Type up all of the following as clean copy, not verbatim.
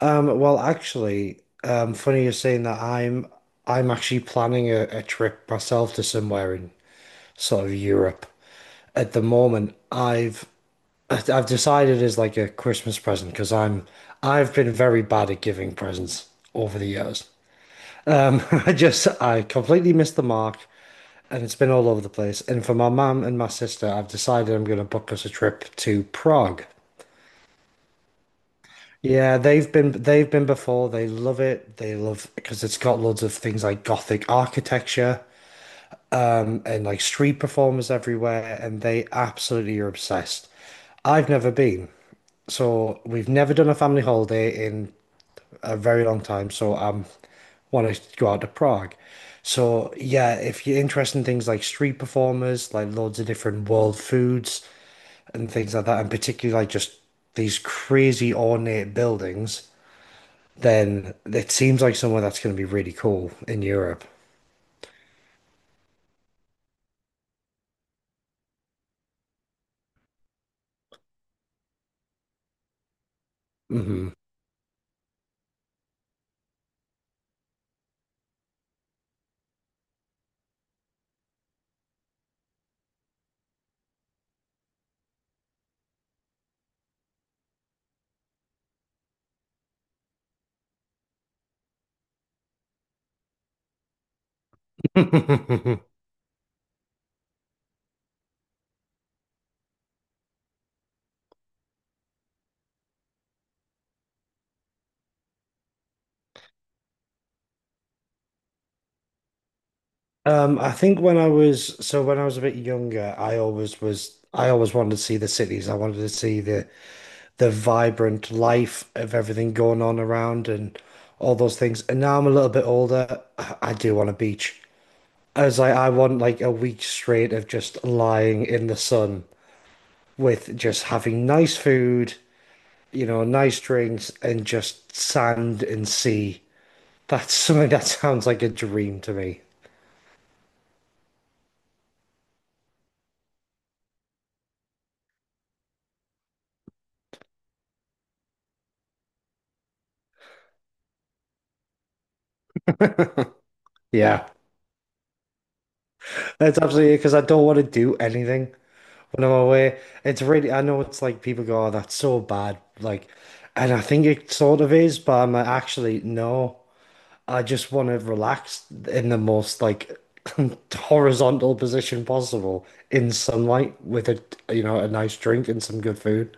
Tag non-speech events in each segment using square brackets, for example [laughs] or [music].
Well, actually, funny you're saying that I'm actually planning a trip myself to somewhere in sort of Europe. At the moment, I've decided as like a Christmas present because I've been very bad at giving presents over the years. [laughs] I completely missed the mark and it's been all over the place. And for my mum and my sister, I've decided I'm going to book us a trip to Prague. Yeah, they've been before. They love it. They love because it's got loads of things like Gothic architecture and like street performers everywhere, and they absolutely are obsessed. I've never been, so we've never done a family holiday in a very long time. So I'm want to go out to Prague. So yeah, if you're interested in things like street performers, like loads of different world foods and things like that, and particularly like just these crazy ornate buildings, then it seems like somewhere that's going to be really cool in Europe. Hmm. [laughs] um, I think when I was a bit younger, I always wanted to see the cities. I wanted to see the vibrant life of everything going on around and all those things. And now I'm a little bit older, I do want a beach. I was like, I want like a week straight of just lying in the sun with just having nice food, nice drinks and just sand and sea. That's [laughs] something that sounds like a dream to me. Yeah, that's absolutely because I don't want to do anything when I'm away. It's really, I know it's like people go, oh, that's so bad. Like, and I think it sort of is, but I'm like, actually, no, I just want to relax in the most like [laughs] horizontal position possible in sunlight with a nice drink and some good food.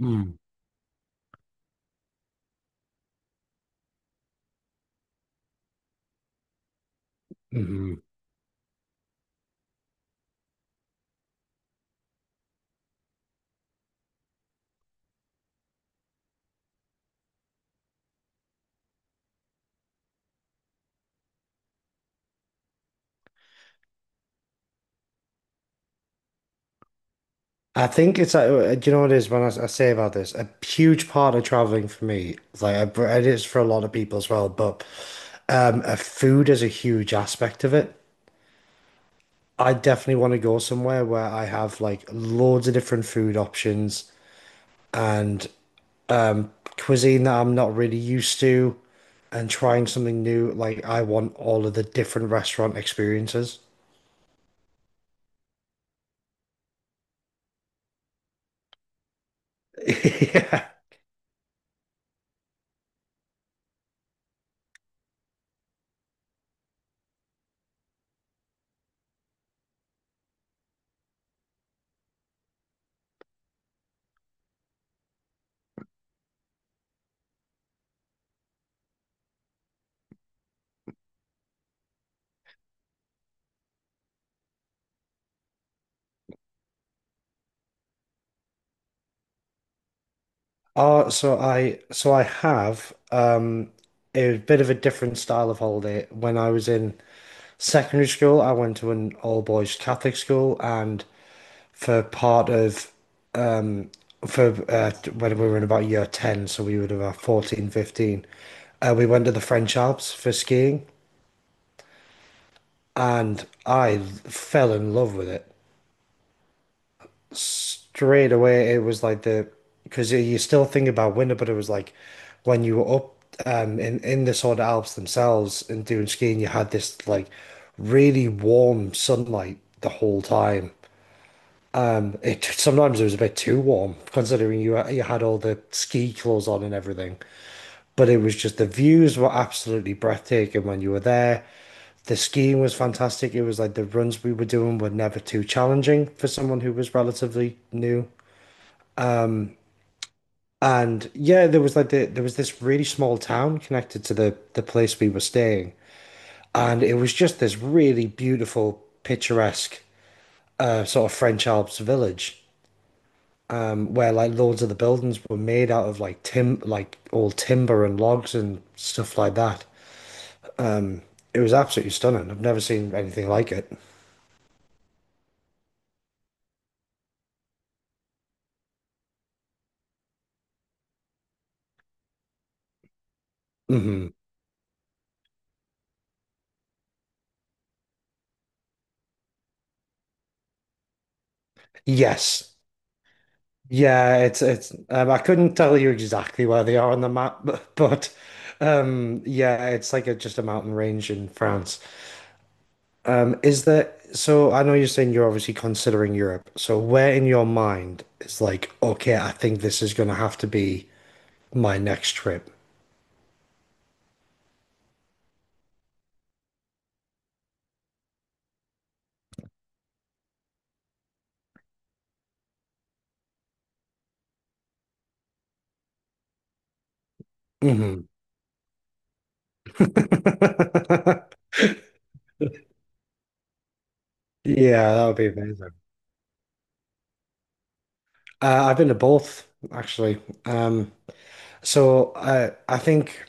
Mm. Mhm. I think it's like, do you know what it is when I say about this? A huge part of traveling for me, like it is for a lot of people as well, but food is a huge aspect of it. I definitely want to go somewhere where I have like loads of different food options and um, cuisine that I'm not really used to, and trying something new. Like I want all of the different restaurant experiences. [laughs] Yeah. So I have it was a bit of a different style of holiday. When I was in secondary school, I went to an all boys Catholic school, and for part of for when we were in about year 10, so we would have about 14, 15, we went to the French Alps for skiing, and I fell in love with it. Straight away it was like the because you still think about winter, but it was like when you were up in the Southern Alps themselves and doing skiing, you had this like really warm sunlight the whole time. It sometimes it was a bit too warm considering you had all the ski clothes on and everything, but it was just the views were absolutely breathtaking when you were there. The skiing was fantastic. It was like the runs we were doing were never too challenging for someone who was relatively new. And yeah, there was this really small town connected to the place we were staying, and it was just this really beautiful, picturesque sort of French Alps village, where like loads of the buildings were made out of like tim like old timber and logs and stuff like that. It was absolutely stunning. I've never seen anything like it. Hmm. Yes. Yeah, it's I couldn't tell you exactly where they are on the map, [laughs] but yeah, it's like just a mountain range in France. So I know you're saying you're obviously considering Europe. So where in your mind is like, okay, I think this is gonna have to be my next trip? Hmm. [laughs] Yeah, that would be amazing. I've been to both actually. Um, so I think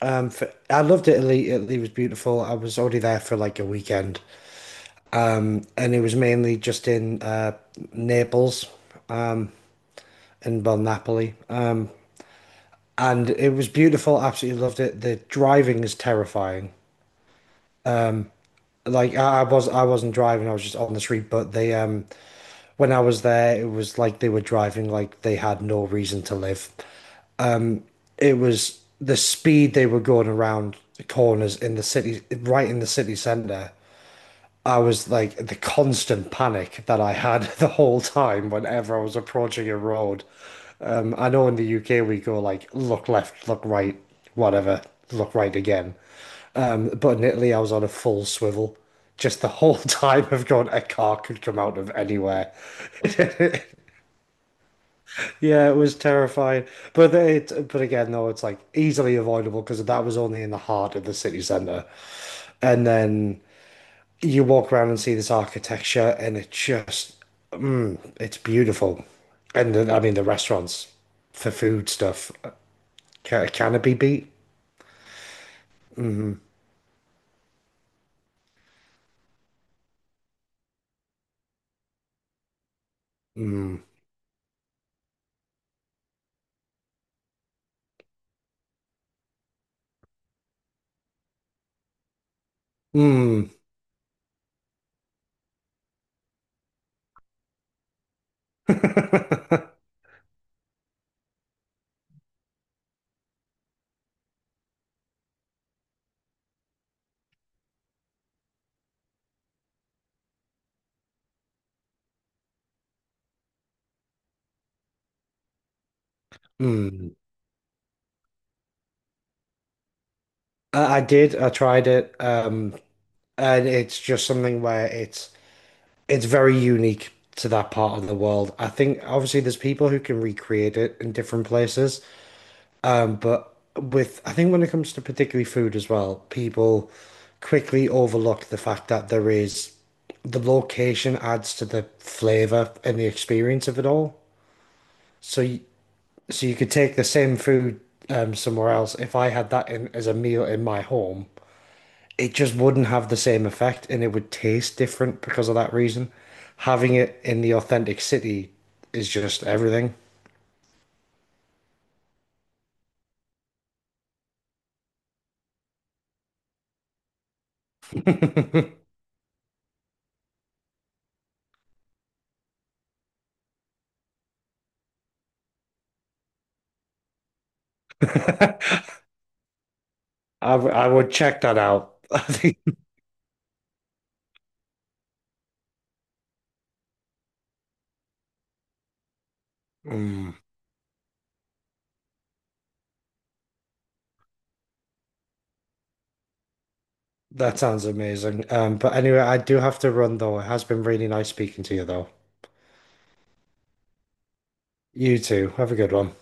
I loved Italy. Italy was beautiful. I was already there for like a weekend, and it was mainly just in Naples, um, and well Napoli. And it was beautiful. Absolutely loved it. The driving is terrifying. Like I wasn't driving. I was just on the street. But when I was there, it was like they were driving like they had no reason to live. It was the speed they were going around the corners in the city, right in the city center. I was like the constant panic that I had [laughs] the whole time whenever I was approaching a road. I know in the UK we go like look left, look right, whatever, look right again. But in Italy, I was on a full swivel. Just the whole [laughs] time of going, a car could come out of anywhere. Yeah, it was terrifying. But again, though, it's like easily avoidable because that was only in the heart of the city centre. And then you walk around and see this architecture, and it's beautiful. And then, I mean, the restaurants for food stuff. Can it be beat? Mm. Mm. [laughs] Mm. I did. I tried it. And it's just something where it's very unique to that part of the world. I think obviously there's people who can recreate it in different places, but with I think when it comes to particularly food as well, people quickly overlook the fact that the location adds to the flavor and the experience of it all. So you, so you could take the same food somewhere else. If I had that in as a meal in my home, it just wouldn't have the same effect and it would taste different because of that reason. Having it in the authentic city is just everything. [laughs] I, I would check that out. [laughs] Mm, that sounds amazing. But anyway, I do have to run though. It has been really nice speaking to you though. You too. Have a good one.